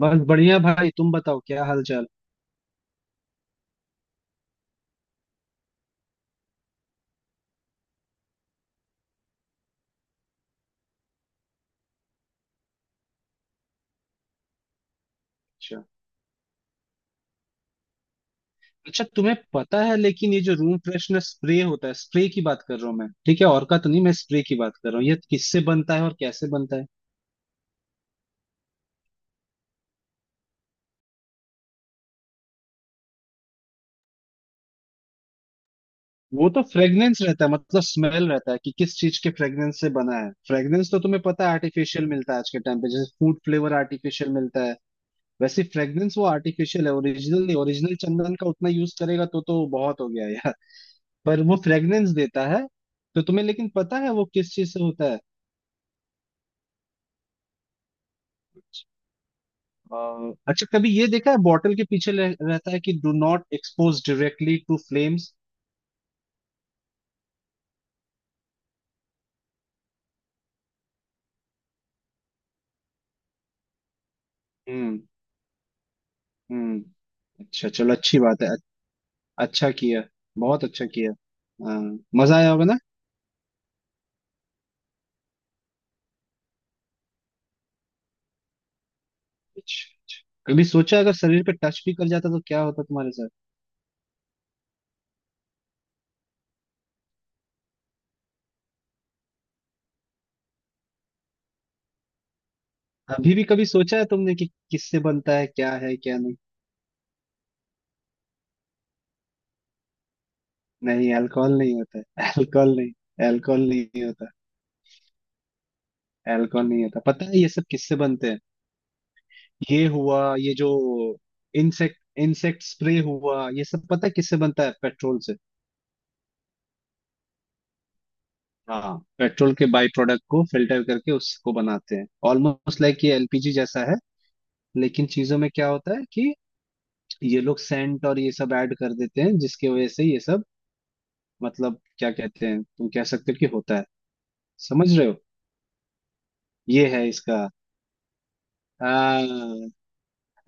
बस बढ़िया भाई। तुम बताओ, क्या हाल चाल? अच्छा अच्छा, तुम्हें पता है लेकिन ये जो रूम फ्रेशनर स्प्रे होता है, स्प्रे की बात कर रहा हूँ मैं, ठीक है? और का तो नहीं, मैं स्प्रे की बात कर रहा हूँ, ये किससे बनता है और कैसे बनता है? वो तो फ्रेग्रेंस रहता है, मतलब स्मेल रहता है कि किस चीज के फ्रेग्रेंस से बना है। फ्रेग्रेंस तो तुम्हें पता है आर्टिफिशियल मिलता है आज के टाइम पे, जैसे फूड फ्लेवर आर्टिफिशियल मिलता है, वैसे फ्रेग्रेंस वो आर्टिफिशियल है, ओरिजिनल नहीं। ओरिजिनल चंदन का उतना यूज करेगा तो बहुत हो गया यार। पर वो फ्रेग्रेंस देता है। तो तुम्हें लेकिन पता है वो किस चीज से होता है? अच्छा कभी ये देखा है बॉटल के पीछे रहता है कि do not expose directly to flames. हम्म हम्म। अच्छा, चलो अच्छी बात है। अच्छा किया, बहुत अच्छा किया। हाँ, मजा आया होगा ना। अच्छा अच्छा। कभी सोचा अगर शरीर पे टच भी कर जाता तो क्या होता तुम्हारे साथ? अभी भी कभी सोचा है तुमने कि किससे बनता है, क्या है क्या नहीं? नहीं, अल्कोहल नहीं होता है अल्कोहल नहीं, अल्कोहल नहीं होता। अल्कोहल नहीं होता। पता है ये सब किससे बनते हैं? ये हुआ, ये जो इंसेक्ट इंसेक्ट स्प्रे हुआ, ये सब पता है किससे बनता है? पेट्रोल से। हाँ, पेट्रोल के बाई प्रोडक्ट को फिल्टर करके उसको बनाते हैं। ऑलमोस्ट लाइक ये एलपीजी जैसा है। लेकिन चीजों में क्या होता है कि ये लोग सेंट और ये सब ऐड कर देते हैं, जिसकी वजह से ये सब मतलब क्या कहते हैं, तुम कह सकते हो कि होता है। समझ रहे हो? ये है इसका। हाँ।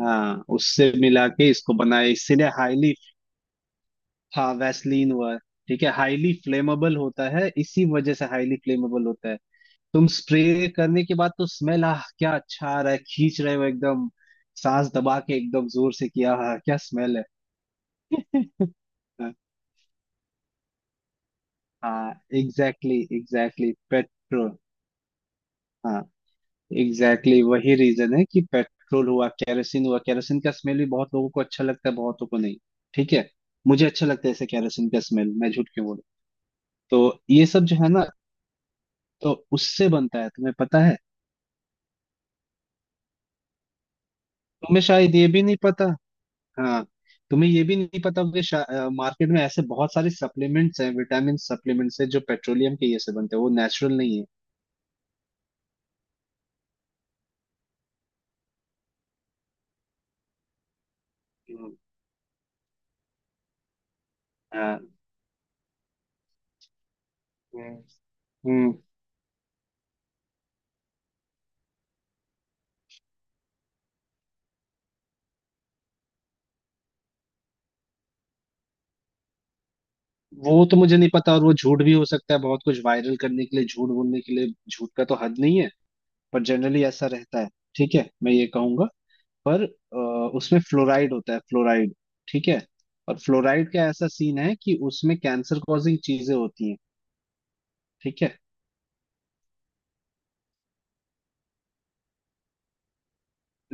हाँ, उससे मिला के इसको बनाए, इसीलिए हाईली। हाँ, वैसलीन हुआ। ठीक है, हाईली फ्लेमेबल होता है, इसी वजह से हाईली फ्लेमेबल होता है। तुम स्प्रे करने के बाद तो स्मेल आह क्या अच्छा आ रहा है, खींच रहे हो एकदम, सांस दबा के एकदम जोर से किया, हाँ क्या स्मेल है! हाँ, एग्जैक्टली एग्जैक्टली पेट्रोल। हाँ, एग्जैक्टली exactly, वही रीजन है कि पेट्रोल हुआ, kerosene हुआ। kerosene का स्मेल भी बहुत लोगों को अच्छा लगता है, बहुतों को नहीं। ठीक है। मुझे अच्छा लगता है ऐसे kerosene का स्मेल, मैं झूठ क्यों बोलूं। तो ये सब जो है ना, तो उससे बनता है, तुम्हें पता है? तुम्हें शायद ये भी नहीं पता। हाँ, तुम्हें ये भी नहीं पता होगा कि मार्केट में ऐसे बहुत सारे सप्लीमेंट्स हैं, विटामिन सप्लीमेंट्स हैं जो पेट्रोलियम के ये से बनते हैं, वो नेचुरल नहीं है। हम्म। हाँ। हम्म हम्म। वो तो मुझे नहीं पता, और वो झूठ भी हो सकता है, बहुत कुछ वायरल करने के लिए झूठ बोलने के लिए, झूठ का तो हद नहीं है। पर जनरली ऐसा रहता है। ठीक है, मैं ये कहूंगा। पर उसमें फ्लोराइड होता है, फ्लोराइड। ठीक है। और फ्लोराइड का ऐसा सीन है कि उसमें कैंसर कॉजिंग चीजें होती हैं। ठीक है।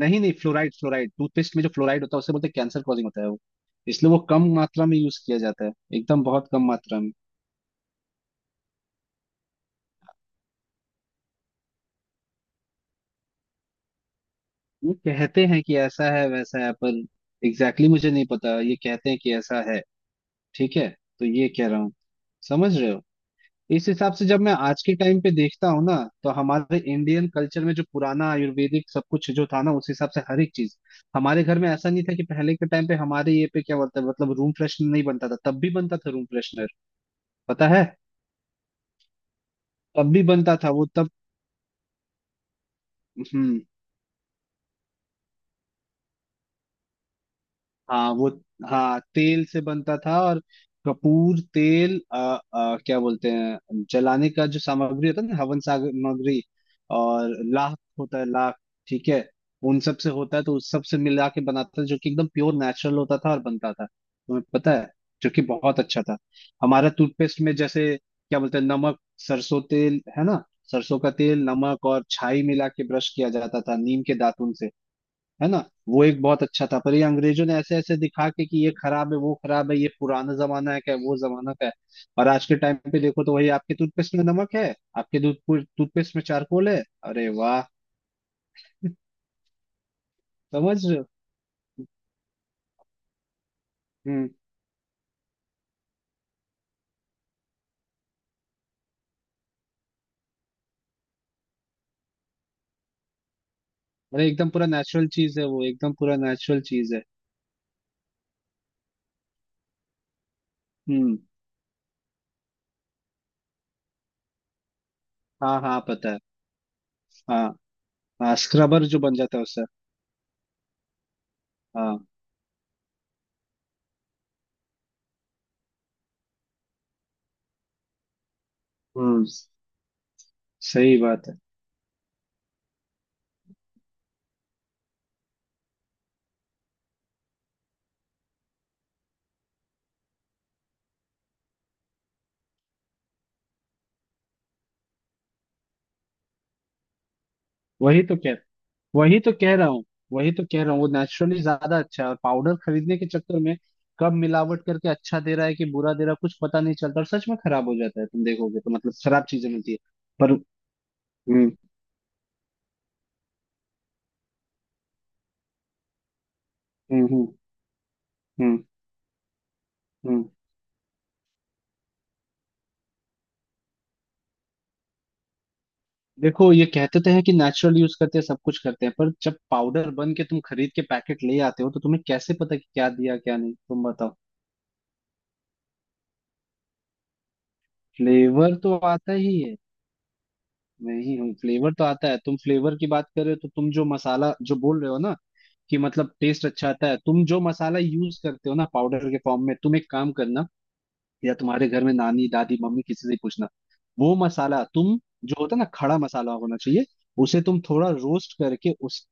नहीं नहीं, फ्लोराइड फ्लोराइड, टूथपेस्ट में जो फ्लोराइड होता है उसे बोलते हैं कैंसर कॉजिंग होता है वो। इसलिए वो कम मात्रा में यूज किया जाता है, एकदम बहुत कम मात्रा में। ये कहते हैं कि ऐसा है वैसा है, पर एग्जैक्टली exactly मुझे नहीं पता, ये कहते हैं कि ऐसा है। ठीक है। तो ये कह रहा हूँ। समझ रहे हो? इस हिसाब से जब मैं आज के टाइम पे देखता हूँ ना, तो हमारे इंडियन कल्चर में जो पुराना आयुर्वेदिक सब कुछ जो था ना, उस हिसाब से हर एक चीज हमारे घर में, ऐसा नहीं था कि पहले के टाइम पे हमारे ये पे क्या बोलते हैं, मतलब रूम फ्रेशनर नहीं बनता था, तब भी बनता था रूम फ्रेशनर। पता है? तब भी बनता था वो तब। हम्म। हाँ वो। हाँ तेल से बनता था, और कपूर तेल क्या बोलते हैं, जलाने का जो सामग्री होता है ना, हवन सामग्री, और लाख होता है, लाख। ठीक है, उन सब से होता है, तो उस सब से मिला के बनाता था, जो कि एकदम प्योर नेचुरल होता था, और बनता था, तुम्हें पता है, जो कि बहुत अच्छा था। हमारा टूथपेस्ट में जैसे क्या बोलते हैं, नमक, सरसों तेल है ना, सरसों का तेल नमक और छाई मिला के ब्रश किया जाता था, नीम के दातुन से, है ना। वो एक बहुत अच्छा था, पर ये अंग्रेजों ने ऐसे ऐसे दिखा के कि ये खराब है वो खराब है, ये पुराना जमाना है, क्या वो जमाना का है। और आज के टाइम पे देखो तो वही आपके टूथपेस्ट में नमक है, आपके दूध टूथपेस्ट में चारकोल है। अरे वाह। समझ रहे हो? हम्म। अरे एकदम पूरा नेचुरल चीज है वो, एकदम पूरा नेचुरल चीज है। हम्म। हाँ हाँ पता है। हाँ, हाँ स्क्रबर जो बन जाता है उससे। हाँ। हम्म। सही बात है। वही तो कहता, वही तो कह रहा हूँ, वही तो कह रहा हूँ। वो नेचुरली ज्यादा अच्छा है, और पाउडर खरीदने के चक्कर में कब मिलावट करके अच्छा दे रहा है कि बुरा दे रहा है कुछ पता नहीं चलता, और सच में खराब हो जाता है, तुम देखोगे तो मतलब खराब चीजें मिलती है। पर हम्म हम्म हम्म हम्म हम्म। देखो ये कहते तो हैं कि नेचुरल यूज करते हैं, सब कुछ करते हैं, पर जब पाउडर बन के तुम खरीद के पैकेट ले आते हो तो तुम्हें कैसे पता कि क्या दिया क्या नहीं, तुम बताओ। फ्लेवर तो आता ही है। नहीं हूँ, फ्लेवर तो आता है, तुम फ्लेवर की बात कर रहे हो तो तुम जो मसाला जो बोल रहे हो ना, कि मतलब टेस्ट अच्छा आता है, तुम जो मसाला यूज करते हो ना पाउडर के फॉर्म में, तुम एक काम करना, या तुम्हारे घर में नानी दादी मम्मी किसी से पूछना। वो मसाला तुम जो होता है ना, खड़ा मसाला होना चाहिए, उसे तुम थोड़ा रोस्ट करके उस,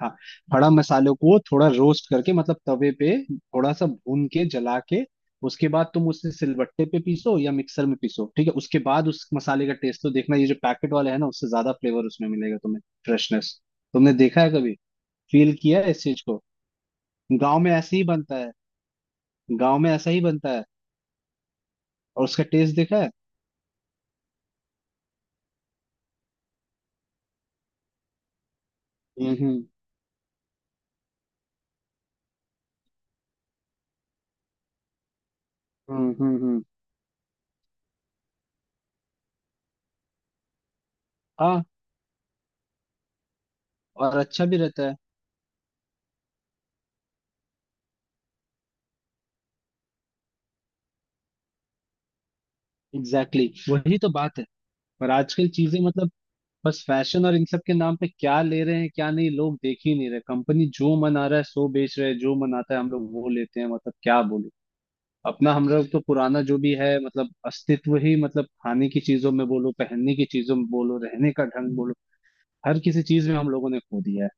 हाँ खड़ा मसालों को थोड़ा रोस्ट करके मतलब तवे पे थोड़ा सा भून के जला के, उसके बाद तुम उसे सिलबट्टे पे पीसो या मिक्सर में पीसो, ठीक है, उसके बाद उस मसाले का टेस्ट तो देखना, ये जो पैकेट वाला है ना उससे ज्यादा फ्लेवर उसमें मिलेगा तुम्हें, फ्रेशनेस। तुमने देखा है कभी? फील किया है इस चीज को? गांव में ऐसे ही बनता है, गांव में ऐसा ही बनता है। और उसका टेस्ट देखा है? हम्म हम्म। हाँ और अच्छा भी रहता है। Exactly exactly. वही तो बात है। पर आजकल चीजें मतलब बस फैशन और इन सब के नाम पे क्या ले रहे हैं क्या नहीं, लोग देख ही नहीं रहे, कंपनी जो मन आ रहा है सो बेच रहे हैं, जो मन आता है हम लोग वो लेते हैं, मतलब क्या बोलूं। अपना हम लोग तो पुराना जो भी है मतलब अस्तित्व ही, मतलब खाने की चीजों में बोलो, पहनने की चीजों में बोलो, रहने का ढंग बोलो, हर किसी चीज में हम लोगों ने खो दिया है,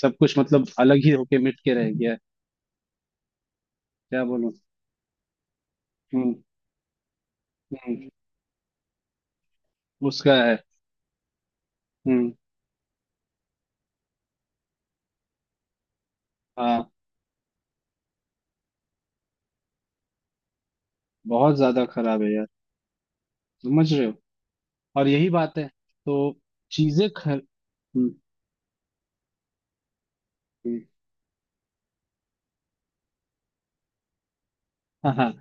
सब कुछ मतलब अलग ही होके मिट के रह गया है। क्या बोलूं। हम्म। हम्म। उसका है। हम्म। हाँ बहुत ज्यादा खराब है यार। समझ रहे हो? और यही बात है, तो चीजें खर। हम्म, हम्म, हाँ हाँ।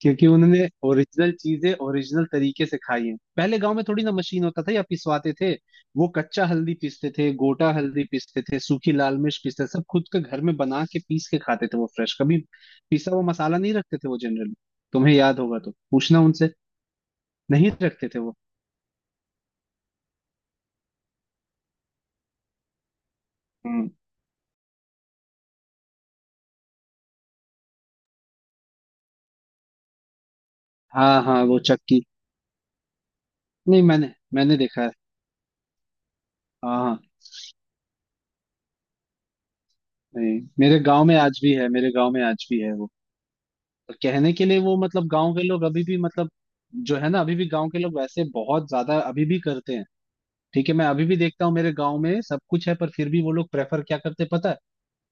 क्योंकि उन्होंने ओरिजिनल चीजें ओरिजिनल तरीके से खाई हैं, पहले गांव में थोड़ी ना मशीन होता था या पिसवाते थे, वो कच्चा हल्दी पीसते थे, गोटा हल्दी पीसते थे, सूखी लाल मिर्च पीसते थे, सब खुद के घर में बना के पीस के खाते थे वो फ्रेश, कभी पिसा हुआ मसाला नहीं रखते थे वो जनरली। तुम्हें याद होगा तो पूछना उनसे, नहीं रखते थे वो। हम्म। हाँ हाँ वो चक्की। नहीं मैंने मैंने देखा है। हाँ हाँ। नहीं मेरे गांव में आज भी है, मेरे गांव में आज भी है वो। तो कहने के लिए वो मतलब गांव के लोग अभी भी मतलब जो है ना, अभी भी गांव के लोग वैसे बहुत ज्यादा अभी भी करते हैं। ठीक है, मैं अभी भी देखता हूँ मेरे गांव में सब कुछ है, पर फिर भी वो लोग प्रेफर क्या करते हैं पता है?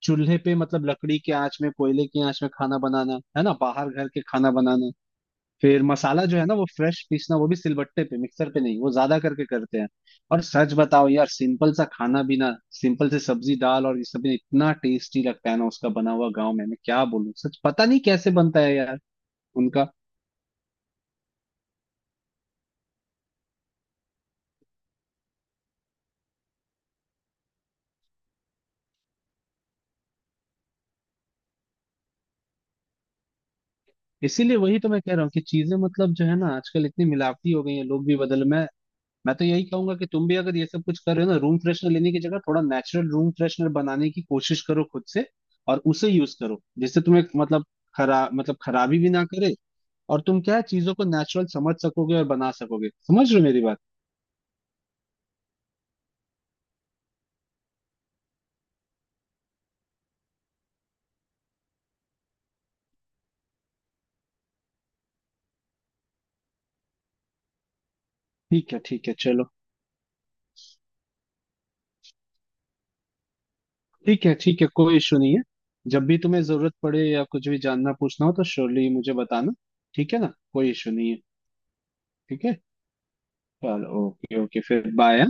चूल्हे पे मतलब लकड़ी के आंच में कोयले की आंच में खाना बनाना, है ना, बाहर घर के खाना बनाना, फिर मसाला जो है ना वो फ्रेश पीसना, वो भी सिलबट्टे पे, मिक्सर पे नहीं, वो ज्यादा करके करते हैं। और सच बताओ यार, सिंपल सा खाना भी ना, सिंपल से सब्जी दाल और ये सब भी इतना टेस्टी लगता है ना उसका बना हुआ गाँव में, मैं क्या बोलूं सच, पता नहीं कैसे बनता है यार उनका। इसीलिए वही तो मैं कह रहा हूँ कि चीजें मतलब जो है ना आजकल इतनी मिलावटी हो गई है, लोग भी बदल, मैं तो यही कहूंगा कि तुम भी अगर ये सब कुछ कर रहे हो ना, रूम फ्रेशनर लेने की जगह थोड़ा नेचुरल रूम फ्रेशनर बनाने की कोशिश करो खुद से, और उसे यूज करो, जिससे तुम्हें मतलब खराब मतलब खराबी भी ना करे, और तुम क्या है, चीजों को नेचुरल समझ सकोगे और बना सकोगे। समझ रहे हो मेरी बात? ठीक है ठीक है, चलो। ठीक है ठीक है, कोई इशू नहीं है। जब भी तुम्हें जरूरत पड़े या कुछ भी जानना पूछना हो तो श्योरली मुझे बताना, ठीक है ना? कोई इशू नहीं है। ठीक है, चलो ओके ओके, फिर बाय।